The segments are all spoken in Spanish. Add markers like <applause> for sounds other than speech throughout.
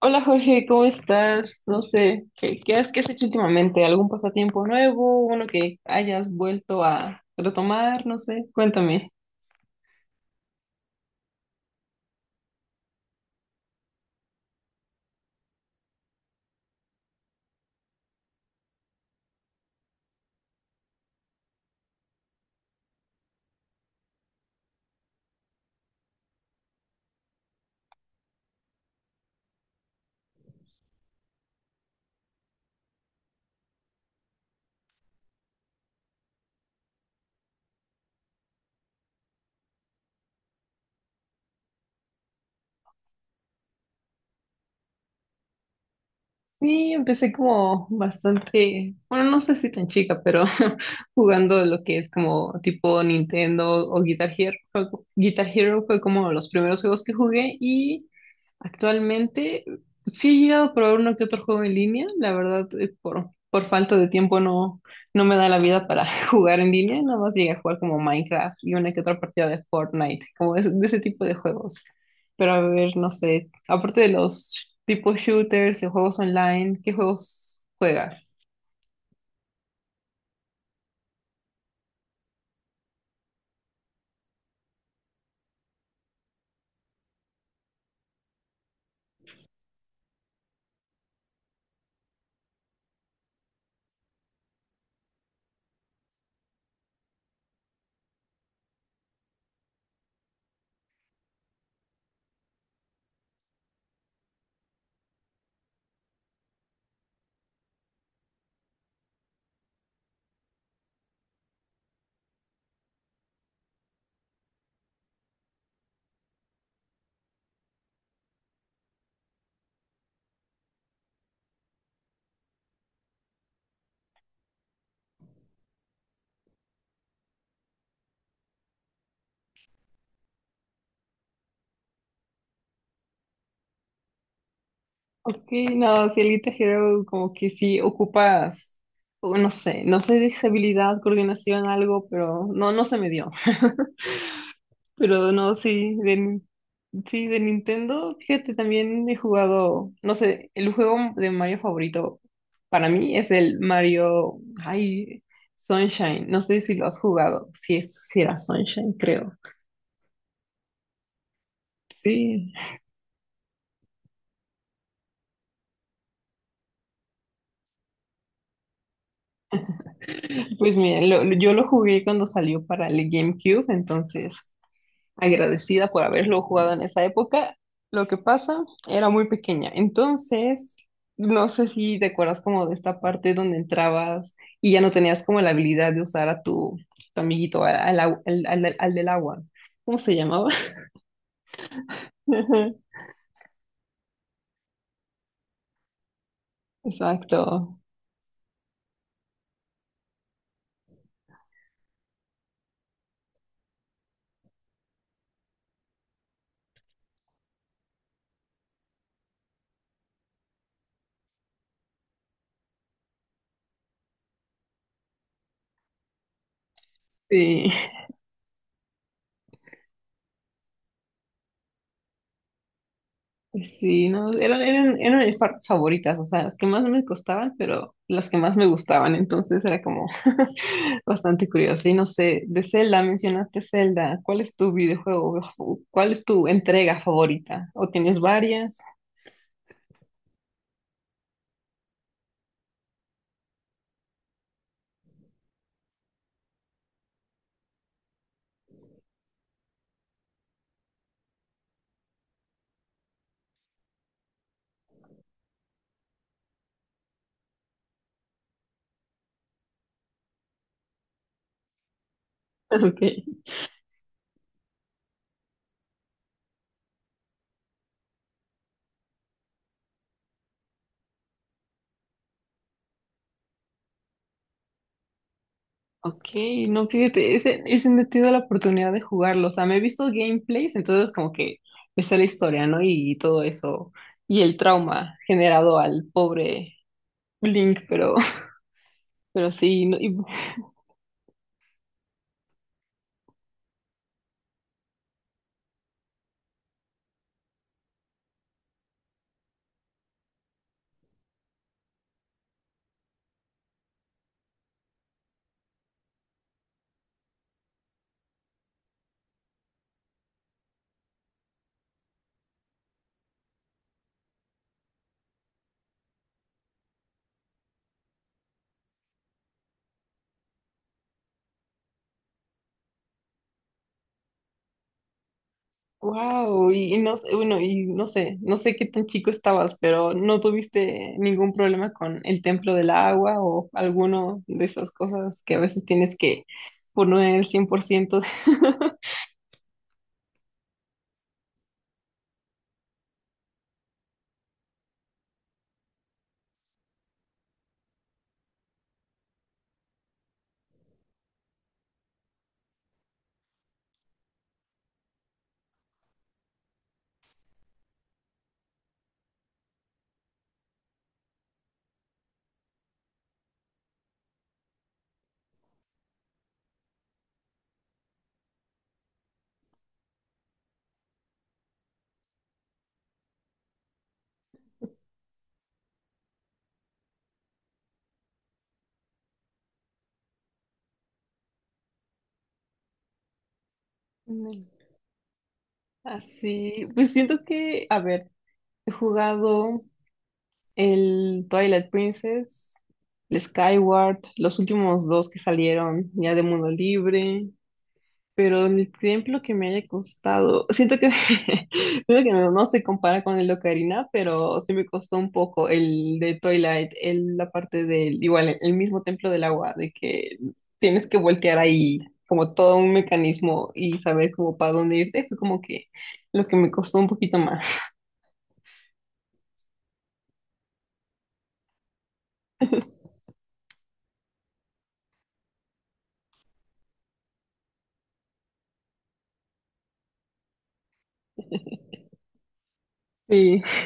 Hola Jorge, ¿cómo estás? No sé, ¿qué has hecho últimamente? ¿Algún pasatiempo nuevo? ¿Uno que hayas vuelto a retomar? No sé, cuéntame. Sí, empecé como bastante, bueno, no sé si tan chica, pero <laughs> jugando lo que es como tipo Nintendo o Guitar Hero. Guitar Hero fue como los primeros juegos que jugué y actualmente sí he llegado a probar uno que otro juego en línea, la verdad, por falta de tiempo no me da la vida para <laughs> jugar en línea, nada más llegué a jugar como Minecraft y una que otra partida de Fortnite, como de ese tipo de juegos. Pero a ver, no sé, aparte de los tipos shooters y juegos online, ¿qué juegos juegas? Ok, no, si Elite Hero como que sí ocupas, o no sé, de habilidad, coordinación, algo, pero no, no se me dio. <laughs> Pero no, sí, de Nintendo, fíjate, también he jugado, no sé, el juego de Mario favorito para mí es el Mario, ay, Sunshine, no sé si lo has jugado, si es, si era Sunshine, creo. Sí, pues mira, yo lo jugué cuando salió para el GameCube, entonces agradecida por haberlo jugado en esa época. Lo que pasa, era muy pequeña. Entonces, no sé si te acuerdas como de esta parte donde entrabas y ya no tenías como la habilidad de usar a tu, tu amiguito, al, al, au- al- al- al del agua. ¿Cómo se llamaba? <laughs> Exacto. Sí. Sí, no, eran mis partes favoritas, o sea, las que más me costaban, pero las que más me gustaban, entonces era como <laughs> bastante curioso. Y no sé, de Zelda, mencionaste Zelda, ¿cuál es tu videojuego? ¿Cuál es tu entrega favorita? ¿O tienes varias? <laughs> Okay. Ok, no, fíjate, ese no he tenido la oportunidad de jugarlo, o sea, me he visto gameplays, entonces como que está la historia, ¿no? Y todo eso, y el trauma generado al pobre Link, pero, <laughs> pero sí, no, y wow, y no sé, bueno, no sé qué tan chico estabas, pero ¿no tuviste ningún problema con el templo del agua o alguno de esas cosas que a veces tienes que poner el 100%? <laughs> Ándale. Así, pues siento que, a ver, he jugado el Twilight Princess, el Skyward, los últimos dos que salieron ya de Mundo Libre, pero el tiempo que me haya costado, siento que, <laughs> siento que no, no se compara con el de Ocarina, pero sí me costó un poco el de Twilight, el, la parte del, igual, el mismo templo del agua, de que tienes que voltear ahí como todo un mecanismo y saber como para dónde irte, fue como que lo que me costó un poquito más. <laughs>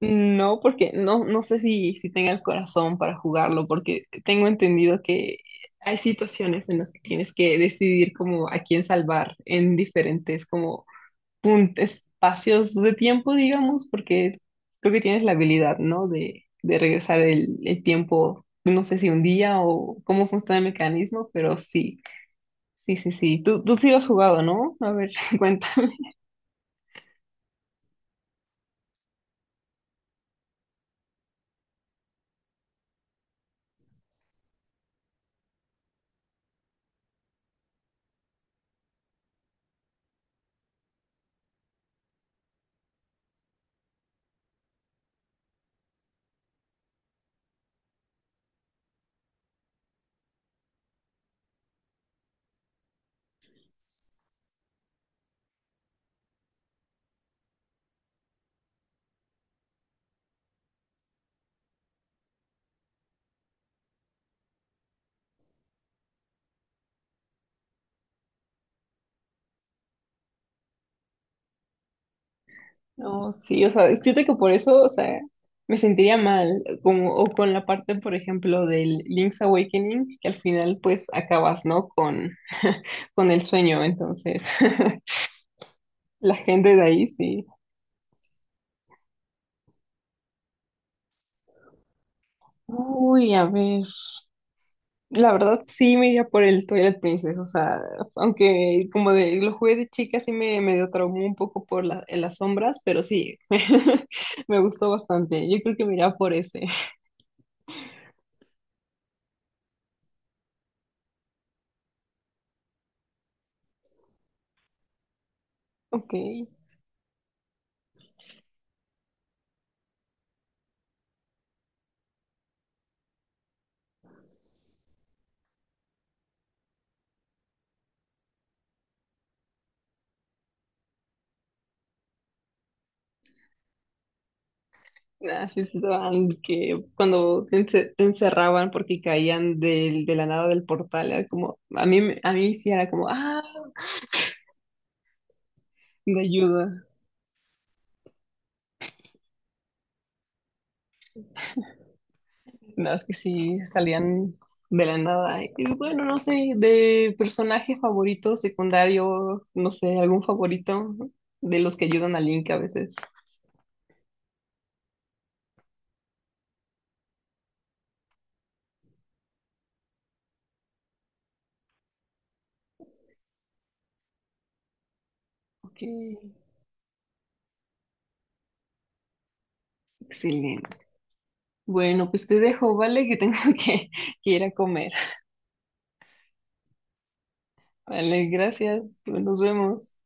No, porque no, no sé si, si tenga el corazón para jugarlo, porque tengo entendido que hay situaciones en las que tienes que decidir como a quién salvar en diferentes como espacios de tiempo, digamos, porque creo que tienes la habilidad, ¿no? De regresar el tiempo, no sé si un día o cómo funciona el mecanismo, pero sí. Tú sí lo has jugado, ¿no? A ver, <laughs> cuenta. No, sí, o sea, siento que por eso, o sea, me sentiría mal, como, o con la parte, por ejemplo, del Link's Awakening, que al final, pues, acabas, ¿no? Con, <laughs> con el sueño, entonces, <laughs> la gente de ahí, sí. Uy, a ver, la verdad sí me iría por el Twilight Princess, o sea, aunque como de, lo jugué de chica, sí me medio traumó un poco por en las sombras, pero sí, <laughs> me gustó bastante, yo creo que me iría por ese. <laughs> Ok. Así estaban que cuando te, te encerraban porque caían del, de la nada del portal, era como, a mí, a mí sí era como, ah, me ayuda. No, es que sí salían de la nada. Y bueno, no sé, de personaje favorito, secundario, no sé, algún favorito de los que ayudan a Link a veces. Ok, excelente. Bueno, pues te dejo, ¿vale? Que tengo <laughs> que, que ir a comer. Vale, gracias. Nos vemos.